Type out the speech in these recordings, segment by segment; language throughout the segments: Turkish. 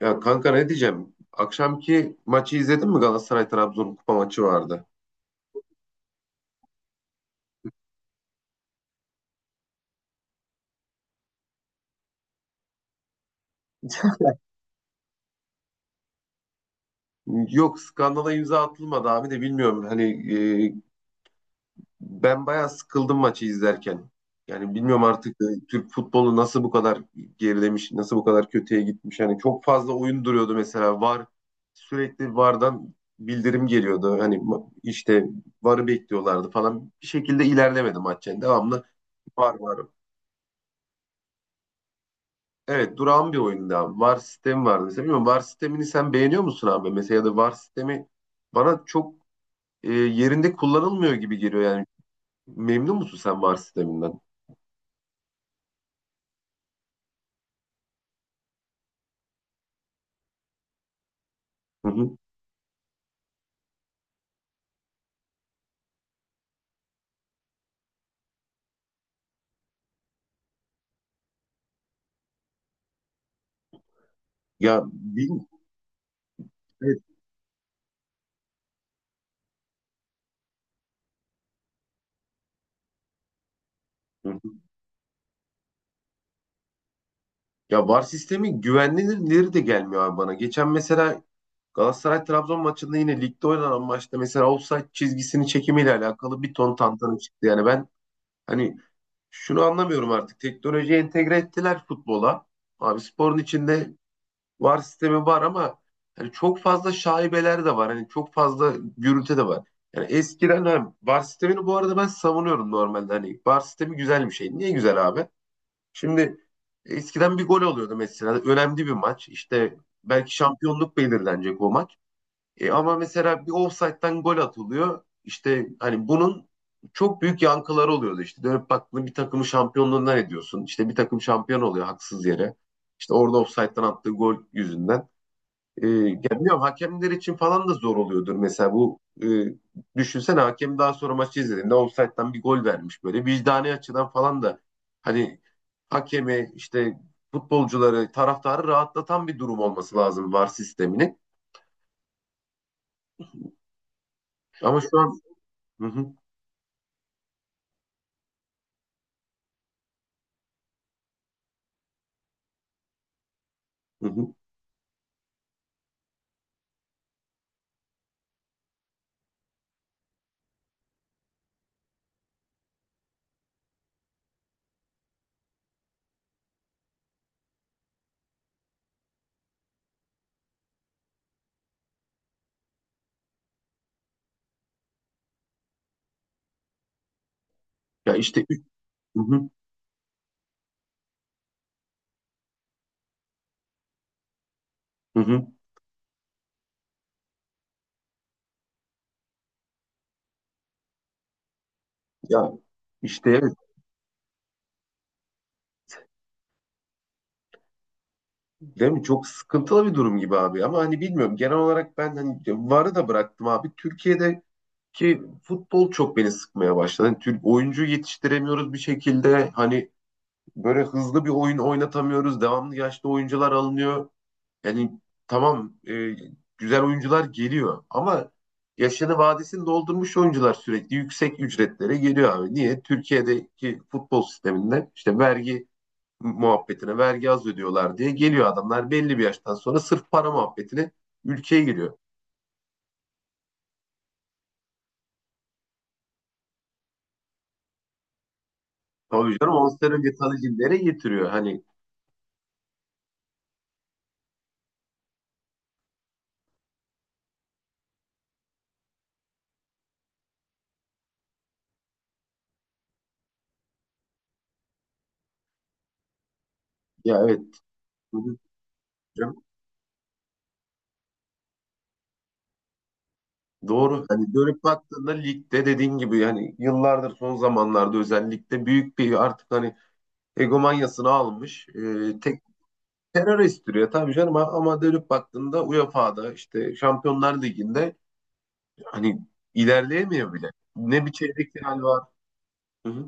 Ya kanka, ne diyeceğim? Akşamki maçı izledin mi? Galatasaray Trabzon kupa maçı vardı. Yok, skandala imza atılmadı abi de bilmiyorum. Hani e, ben bayağı sıkıldım maçı izlerken. Yani bilmiyorum artık, Türk futbolu nasıl bu kadar gerilemiş, nasıl bu kadar kötüye gitmiş. Yani çok fazla oyun duruyordu mesela. VAR, sürekli VAR'dan bildirim geliyordu. Hani işte VAR'ı bekliyorlardı falan. Bir şekilde ilerlemedi maç yani. Devamlı VAR var. Evet, durağan bir oyunda abi. VAR sistemi vardı. Mesela bilmiyorum, VAR sistemini sen beğeniyor musun abi? Mesela ya da VAR sistemi bana çok yerinde kullanılmıyor gibi geliyor yani. Memnun musun sen VAR sisteminden? Hı hı. Ya, evet. Hı hı. Ya, VAR sistemi güvenilirleri de gelmiyor abi bana. Geçen mesela Galatasaray Trabzon maçında, yine ligde oynanan maçta mesela offside çizgisini çekimiyle alakalı bir ton tantana çıktı. Yani ben hani şunu anlamıyorum artık. Teknolojiyi entegre ettiler futbola. Abi sporun içinde VAR sistemi var, ama hani çok fazla şaibeler de var. Hani çok fazla gürültü de var. Yani eskiden, hani VAR sistemini bu arada ben savunuyorum normalde. Hani VAR sistemi güzel bir şey. Niye güzel abi? Şimdi eskiden bir gol oluyordu mesela. Önemli bir maç. İşte belki şampiyonluk belirlenecek o maç. E ama mesela bir ofsayttan gol atılıyor. İşte hani bunun çok büyük yankıları oluyordu. İşte dönüp baktığında bir takımı şampiyonluğundan ediyorsun. İşte bir takım şampiyon oluyor haksız yere. İşte orada ofsayttan attığı gol yüzünden. E, ya bilmiyorum, hakemler için falan da zor oluyordur mesela bu, düşünsene hakem daha sonra maçı izlediğinde ofsayttan bir gol vermiş, böyle vicdani açıdan falan da, hani, hakemi işte, futbolcuları, taraftarı rahatlatan bir durum olması lazım VAR sisteminin, ama şu an, hı hı, hı hı. Ya işte hı hı, hı hı. Ya işte evet, değil mi, çok sıkıntılı bir durum gibi abi ama hani bilmiyorum, genel olarak ben hani VAR'ı da bıraktım abi Türkiye'de. Ki futbol çok beni sıkmaya başladı. Hani Türk oyuncu yetiştiremiyoruz bir şekilde. Hani böyle hızlı bir oyun oynatamıyoruz. Devamlı yaşlı oyuncular alınıyor. Yani tamam, güzel oyuncular geliyor ama yaşını vadesini doldurmuş oyuncular sürekli yüksek ücretlere geliyor abi. Niye? Türkiye'deki futbol sisteminde, işte vergi muhabbetine, vergi az ödüyorlar diye geliyor adamlar belli bir yaştan sonra, sırf para muhabbetine ülkeye giriyor. Tabii canım, 10 sene önce Tanrı getiriyor. Hani, ya, evet. Hocam, doğru. Hani dönüp baktığında ligde dediğin gibi, yani yıllardır, son zamanlarda özellikle, büyük bir artık hani egomanyasını almış, tek terör estiriyor tabii canım, ama dönüp baktığında UEFA'da, işte Şampiyonlar Ligi'nde hani ilerleyemiyor bile. Ne bir çeyrek final var. Hı hı,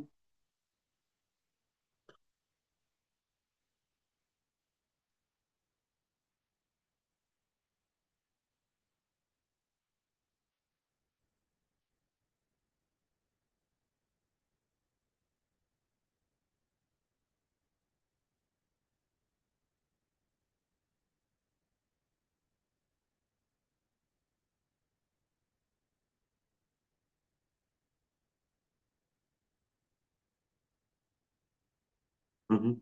hı hı.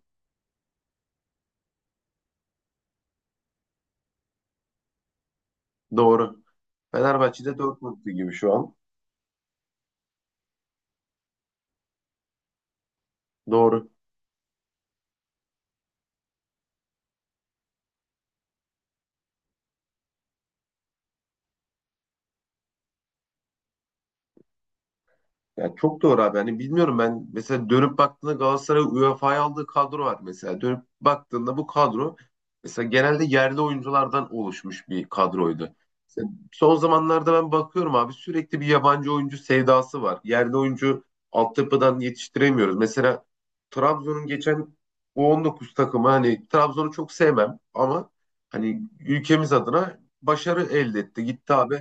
Doğru. Fenerbahçe'de Dortmund'u gibi şu an. Doğru. Ya çok doğru abi. Hani bilmiyorum, ben mesela dönüp baktığında, Galatasaray UEFA'ya aldığı kadro var mesela. Dönüp baktığında bu kadro mesela genelde yerli oyunculardan oluşmuş bir kadroydu. Mesela son zamanlarda ben bakıyorum abi, sürekli bir yabancı oyuncu sevdası var. Yerli oyuncu altyapıdan yetiştiremiyoruz. Mesela Trabzon'un geçen U19 takımı, hani Trabzon'u çok sevmem ama hani ülkemiz adına başarı elde etti. Gitti abi,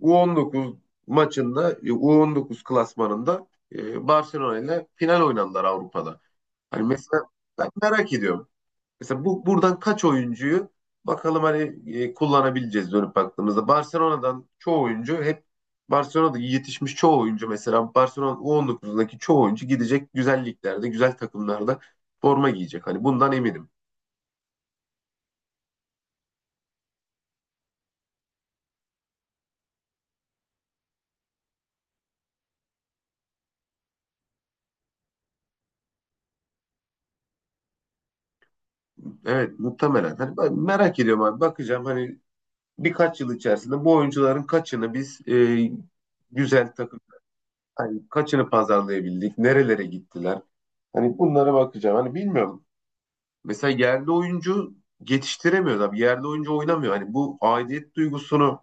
U19 maçında, U19 klasmanında, Barcelona ile final oynadılar Avrupa'da. Hani mesela ben merak ediyorum. Mesela bu buradan kaç oyuncuyu bakalım hani, kullanabileceğiz dönüp baktığımızda. Barcelona'dan çoğu oyuncu hep Barcelona'da yetişmiş çoğu oyuncu, mesela Barcelona U19'daki çoğu oyuncu, gidecek güzel liglerde, güzel takımlarda forma giyecek. Hani bundan eminim. Evet, muhtemelen. Hani ben merak ediyorum abi. Bakacağım hani birkaç yıl içerisinde bu oyuncuların kaçını biz, güzel takım, hani kaçını pazarlayabildik, nerelere gittiler. Hani bunlara bakacağım. Hani bilmiyorum. Mesela yerli oyuncu yetiştiremiyoruz abi. Yerli oyuncu oynamıyor. Hani bu aidiyet duygusunu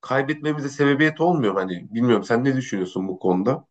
kaybetmemize sebebiyet olmuyor. Hani bilmiyorum, sen ne düşünüyorsun bu konuda?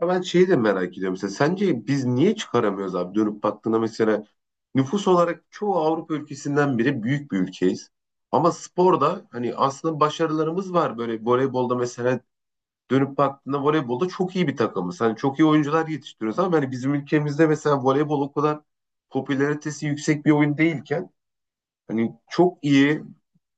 Ya ben şeyi de merak ediyorum mesela. Sence biz niye çıkaramıyoruz abi? Dönüp baktığında mesela, nüfus olarak çoğu Avrupa ülkesinden biri, büyük bir ülkeyiz. Ama sporda hani aslında başarılarımız var. Böyle voleybolda mesela, dönüp baktığında voleybolda çok iyi bir takımız. Hani çok iyi oyuncular yetiştiriyoruz ama hani bizim ülkemizde mesela voleybol o kadar popülaritesi yüksek bir oyun değilken, hani çok iyi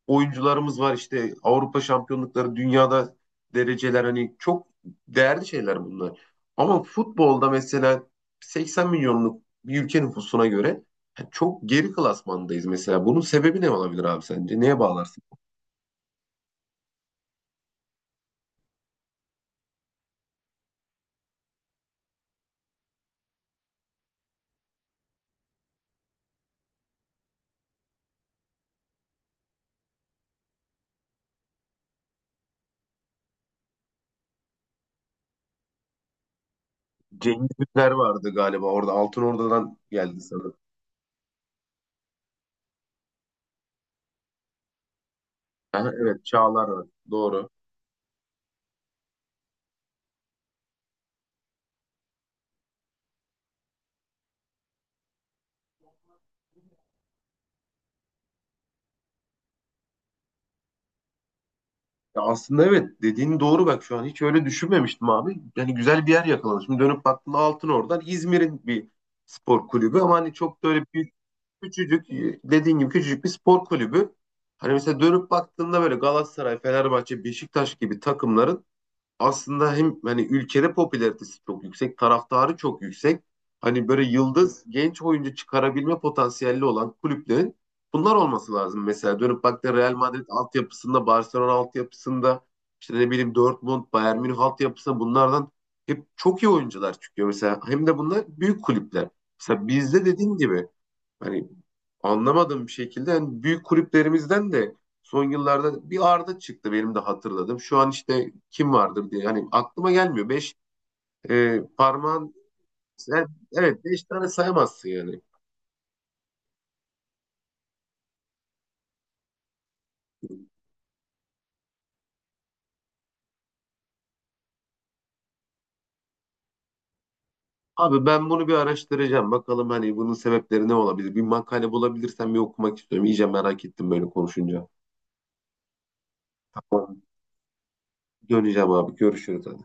oyuncularımız var, işte Avrupa şampiyonlukları, dünyada dereceler, hani çok değerli şeyler bunlar. Ama futbolda mesela, 80 milyonluk bir ülke nüfusuna göre çok geri klasmandayız mesela. Bunun sebebi ne olabilir abi sence? Neye bağlarsın? Cengiz Ünder vardı galiba orada. Altın Ordu'dan geldi sanırım. Aha, evet, Çağlar var. Doğru. Ya aslında evet, dediğin doğru, bak şu an hiç öyle düşünmemiştim abi. Yani güzel bir yer yakaladım. Şimdi dönüp baktığında altın oradan İzmir'in bir spor kulübü, ama hani çok da öyle büyük, küçücük, dediğin gibi küçücük bir spor kulübü. Hani mesela dönüp baktığında böyle Galatasaray, Fenerbahçe, Beşiktaş gibi takımların aslında hem hani ülkede popülaritesi çok yüksek, taraftarı çok yüksek. Hani böyle yıldız genç oyuncu çıkarabilme potansiyelli olan kulüplerin bunlar olması lazım. Mesela dönüp baktığında Real Madrid altyapısında, Barcelona altyapısında, işte ne bileyim Dortmund, Bayern Münih altyapısında, bunlardan hep çok iyi oyuncular çıkıyor. Mesela hem de bunlar büyük kulüpler. Mesela bizde dediğim gibi, hani, anlamadığım bir şekilde hani büyük kulüplerimizden de son yıllarda bir Arda çıktı, benim de hatırladım. Şu an işte kim vardır diye hani aklıma gelmiyor. Beş, parmağın sen, evet beş tane sayamazsın yani. Abi ben bunu bir araştıracağım. Bakalım hani bunun sebepleri ne olabilir? Bir makale bulabilirsem bir okumak istiyorum. İyice merak ettim böyle konuşunca. Döneceğim abi. Görüşürüz. Hadi.